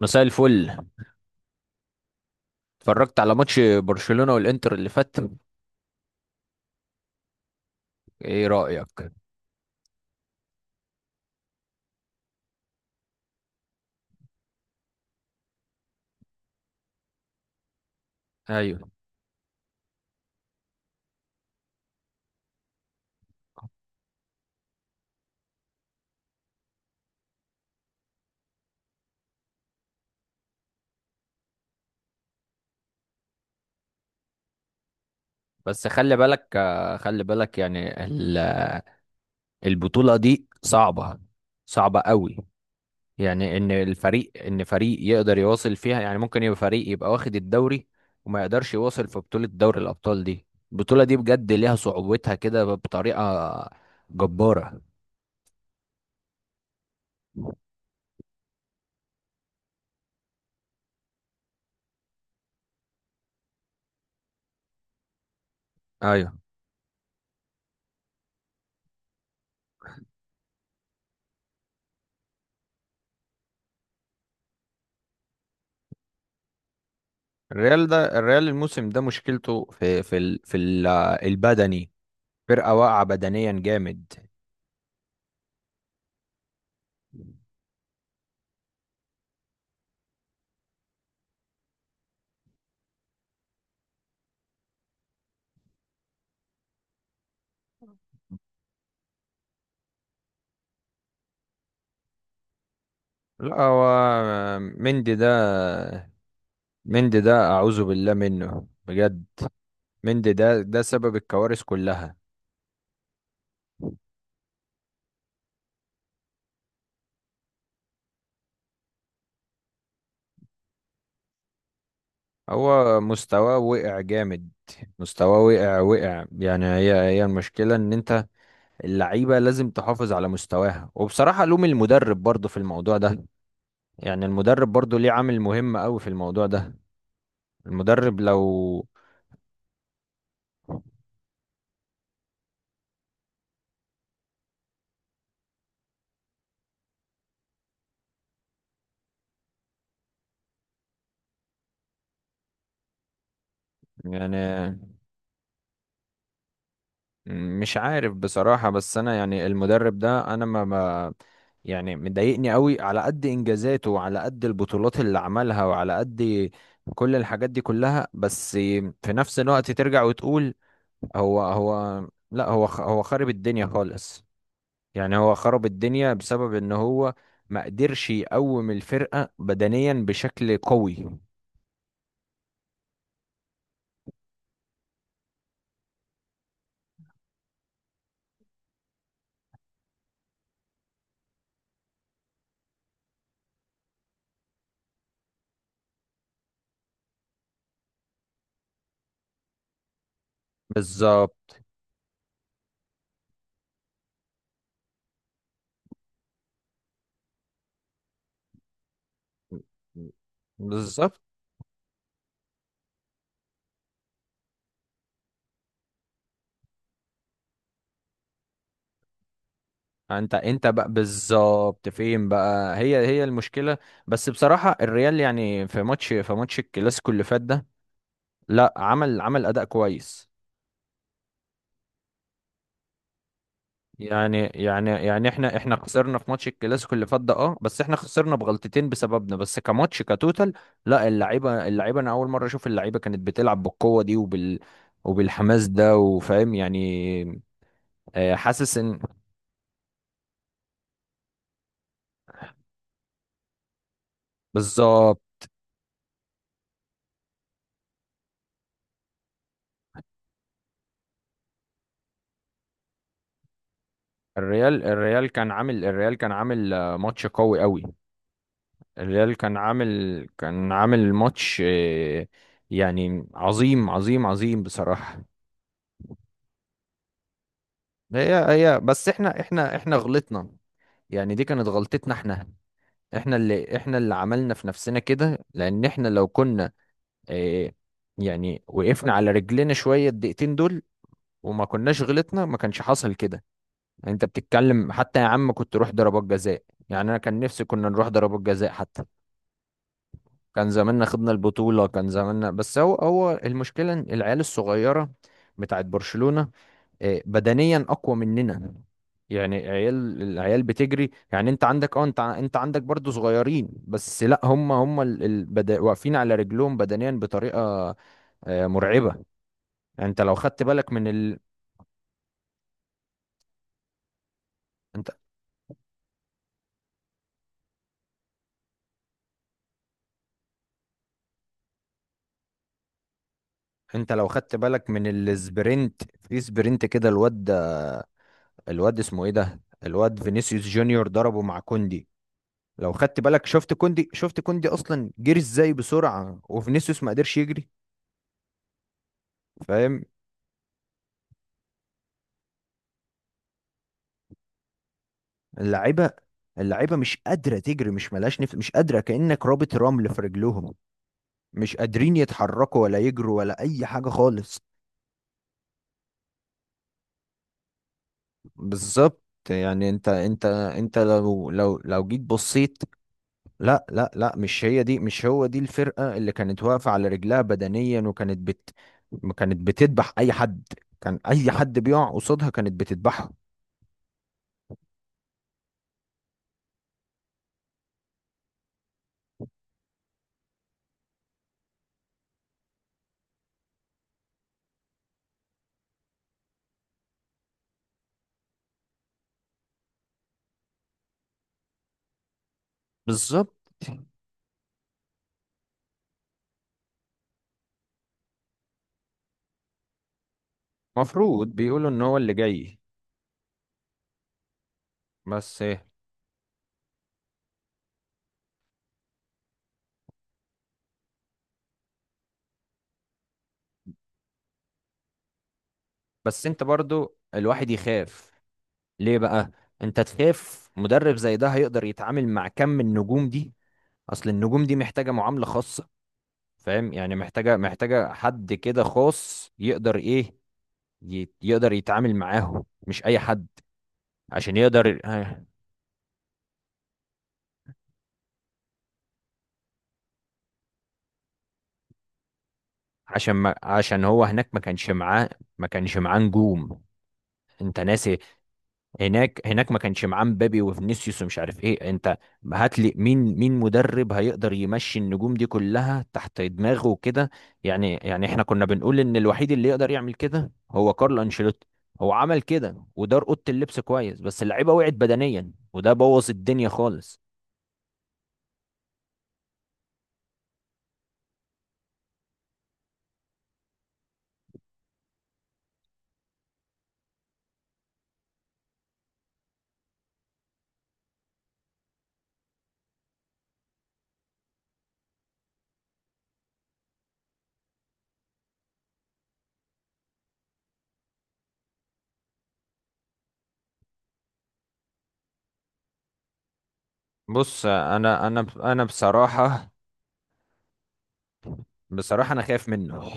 مساء الفل. اتفرجت على ماتش برشلونة والانتر اللي فات. ايه رأيك؟ ايوه. بس خلي بالك خلي بالك يعني البطولة دي صعبة. صعبة قوي. يعني ان فريق يقدر يواصل فيها، يعني ممكن يبقى فريق يبقى واخد الدوري، وما يقدرش يواصل في بطولة دوري الأبطال دي. البطولة دي بجد ليها صعوبتها كده بطريقة جبارة. ايوه. الريال الموسم ده مشكلته في البدني. فرقة واقعة بدنيا جامد. لا، هو مندي ده مندي ده أعوذ بالله منه بجد. مندي ده، ده سبب الكوارث كلها. هو مستواه وقع جامد. مستواه وقع. يعني هي المشكلة، إن أنت اللعيبة لازم تحافظ على مستواها، وبصراحة لوم المدرب برضه في الموضوع ده. يعني المدرب برضه ليه عامل مهم أوي في الموضوع ده. المدرب لو يعني مش عارف بصراحة، بس أنا يعني المدرب ده أنا ما ما- يعني مضايقني قوي، على قد إنجازاته وعلى قد البطولات اللي عملها وعلى قد كل الحاجات دي كلها، بس في نفس الوقت ترجع وتقول هو هو لا، هو هو خرب الدنيا خالص. يعني هو خرب الدنيا بسبب إن هو ما قدرش يقوم الفرقة بدنيا بشكل قوي. بالظبط. بالظبط. انت بقى بالظبط، فين بقى هي المشكله. بس بصراحه الريال، يعني في ماتش الكلاسيكو اللي فات ده، لا عمل اداء كويس. يعني احنا خسرنا في ماتش الكلاسيكو اللي فات ده، اه بس احنا خسرنا بغلطتين بسببنا، بس كماتش كتوتال لا، اللعيبه انا اول مره اشوف اللعيبه كانت بتلعب بالقوه دي وبالحماس ده وفاهم يعني. حاسس ان بالظبط. الريال كان عامل ماتش قوي. الريال كان عامل ماتش يعني عظيم بصراحة. هي هي بس احنا غلطنا. يعني دي كانت غلطتنا احنا. احنا اللي عملنا في نفسنا كده، لان احنا لو كنا آه، يعني وقفنا على رجلنا شوية الدقيقتين دول وما كناش غلطنا، ما كانش حصل كده. يعني انت بتتكلم حتى، يا عم كنت روح ضربات جزاء. يعني انا كان نفسي كنا نروح ضربات جزاء حتى. كان زماننا خدنا البطولة كان زماننا، بس هو المشكلة إن العيال الصغيرة بتاعت برشلونة بدنيا أقوى مننا. يعني العيال بتجري. يعني انت عندك اه، انت انت عندك برضو صغيرين، بس لا، هم واقفين على رجلهم بدنيا بطريقة مرعبة. يعني انت لو خدت بالك من ال... انت انت لو خدت بالك من السبرنت، في سبرنت كده الواد اسمه ايه ده؟ الواد فينيسيوس جونيور ضربه مع كوندي. لو خدت بالك، شفت كوندي، شفت كوندي اصلا جري ازاي بسرعه، وفينيسيوس ما قدرش يجري فاهم. اللعيبه اللعيبه مش قادره تجري، مش ملاش نفس، مش قادره، كانك رابط رمل في رجلهم. مش قادرين يتحركوا ولا يجروا ولا اي حاجه خالص. بالظبط. يعني انت لو جيت بصيت، لا لا لا، مش هي دي، مش هو دي الفرقة اللي كانت واقفة على رجلها بدنيا وكانت كانت بتذبح أي حد. كان أي حد بيقع قصادها كانت بتذبحه. بالظبط. مفروض بيقولوا ان هو اللي جاي. بس انت برضو الواحد يخاف ليه بقى؟ انت تخاف مدرب زي ده هيقدر يتعامل مع كم من النجوم دي؟ اصل النجوم دي محتاجة معاملة خاصة، فاهم يعني، محتاجة حد كده خاص يقدر ايه، يقدر يتعامل معاهم، مش اي حد عشان يقدر. عشان ما عشان هو هناك ما كانش معاه، ما كانش معاه نجوم، انت ناسي. هناك ما كانش معاه مبابي وفينيسيوس ومش عارف ايه، انت هات لي مين مدرب هيقدر يمشي النجوم دي كلها تحت دماغه وكده. يعني احنا كنا بنقول ان الوحيد اللي يقدر يعمل كده هو كارلو انشيلوتي. هو عمل كده ودار اوضه اللبس كويس، بس اللعيبه وقعت بدنيا وده بوظ الدنيا خالص. بص، انا بصراحه، بصراحه انا خايف منه.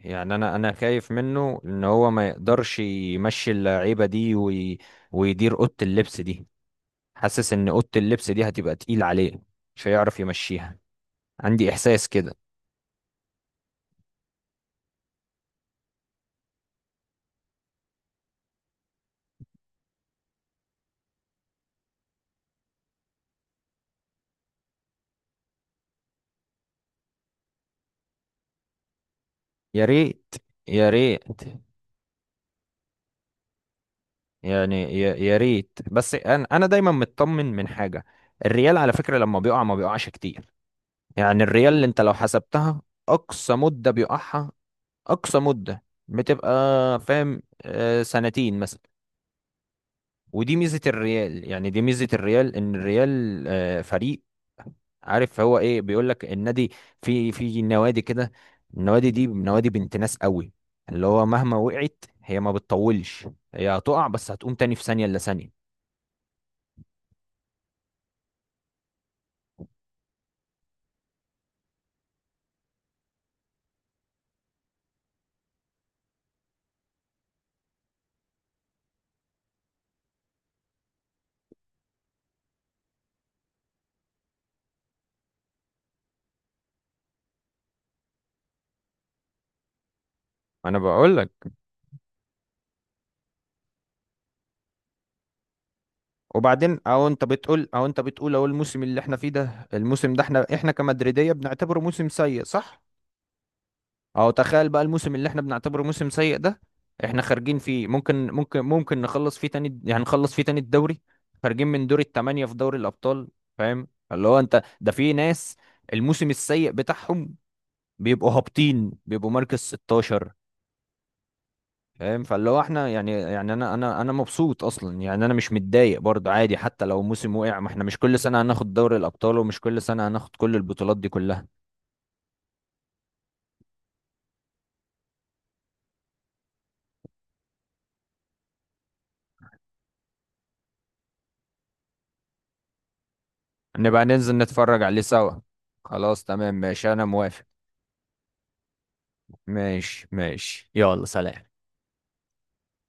يعني انا خايف منه ان هو ما يقدرش يمشي اللعيبه دي ويدير اوضه اللبس دي. حاسس ان اوضه اللبس دي هتبقى تقيل عليه، مش هيعرف يمشيها، عندي احساس كده. يا ريت يا ريت. يعني يا ريت، بس انا دايما مطمن من حاجه. الريال على فكره لما بيقع ما بيقعش كتير. يعني الريال، اللي انت لو حسبتها اقصى مده بيقعها، اقصى مده بتبقى فاهم سنتين مثلا. ودي ميزه الريال يعني دي ميزه الريال، ان الريال فريق عارف هو ايه بيقول لك النادي. في نوادي كده، النوادي دي نوادي بنت ناس قوي، اللي هو مهما وقعت هي ما بتطولش. هي هتقع بس هتقوم تاني في ثانية الا ثانية. انا بقول لك. وبعدين او انت بتقول اهو، الموسم اللي احنا فيه ده، الموسم ده احنا كمدريدية بنعتبره موسم سيء، صح؟ اهو تخيل بقى الموسم اللي احنا بنعتبره موسم سيء ده، احنا خارجين فيه ممكن نخلص فيه تاني، يعني نخلص فيه تاني الدوري، خارجين من دور التمانية في دوري الأبطال. فاهم، اللي هو انت ده في ناس الموسم السيء بتاعهم بيبقوا هابطين، بيبقوا مركز 16. فاهم، فاللي هو احنا يعني، يعني انا مبسوط اصلا، يعني انا مش متضايق برضه، عادي، حتى لو موسم وقع، ما احنا مش كل سنة هناخد دوري الأبطال، ومش كل سنة هناخد كل البطولات دي كلها. نبقى ننزل نتفرج عليه سوا. خلاص، تمام، ماشي، انا موافق. ماشي ماشي، يلا سلام.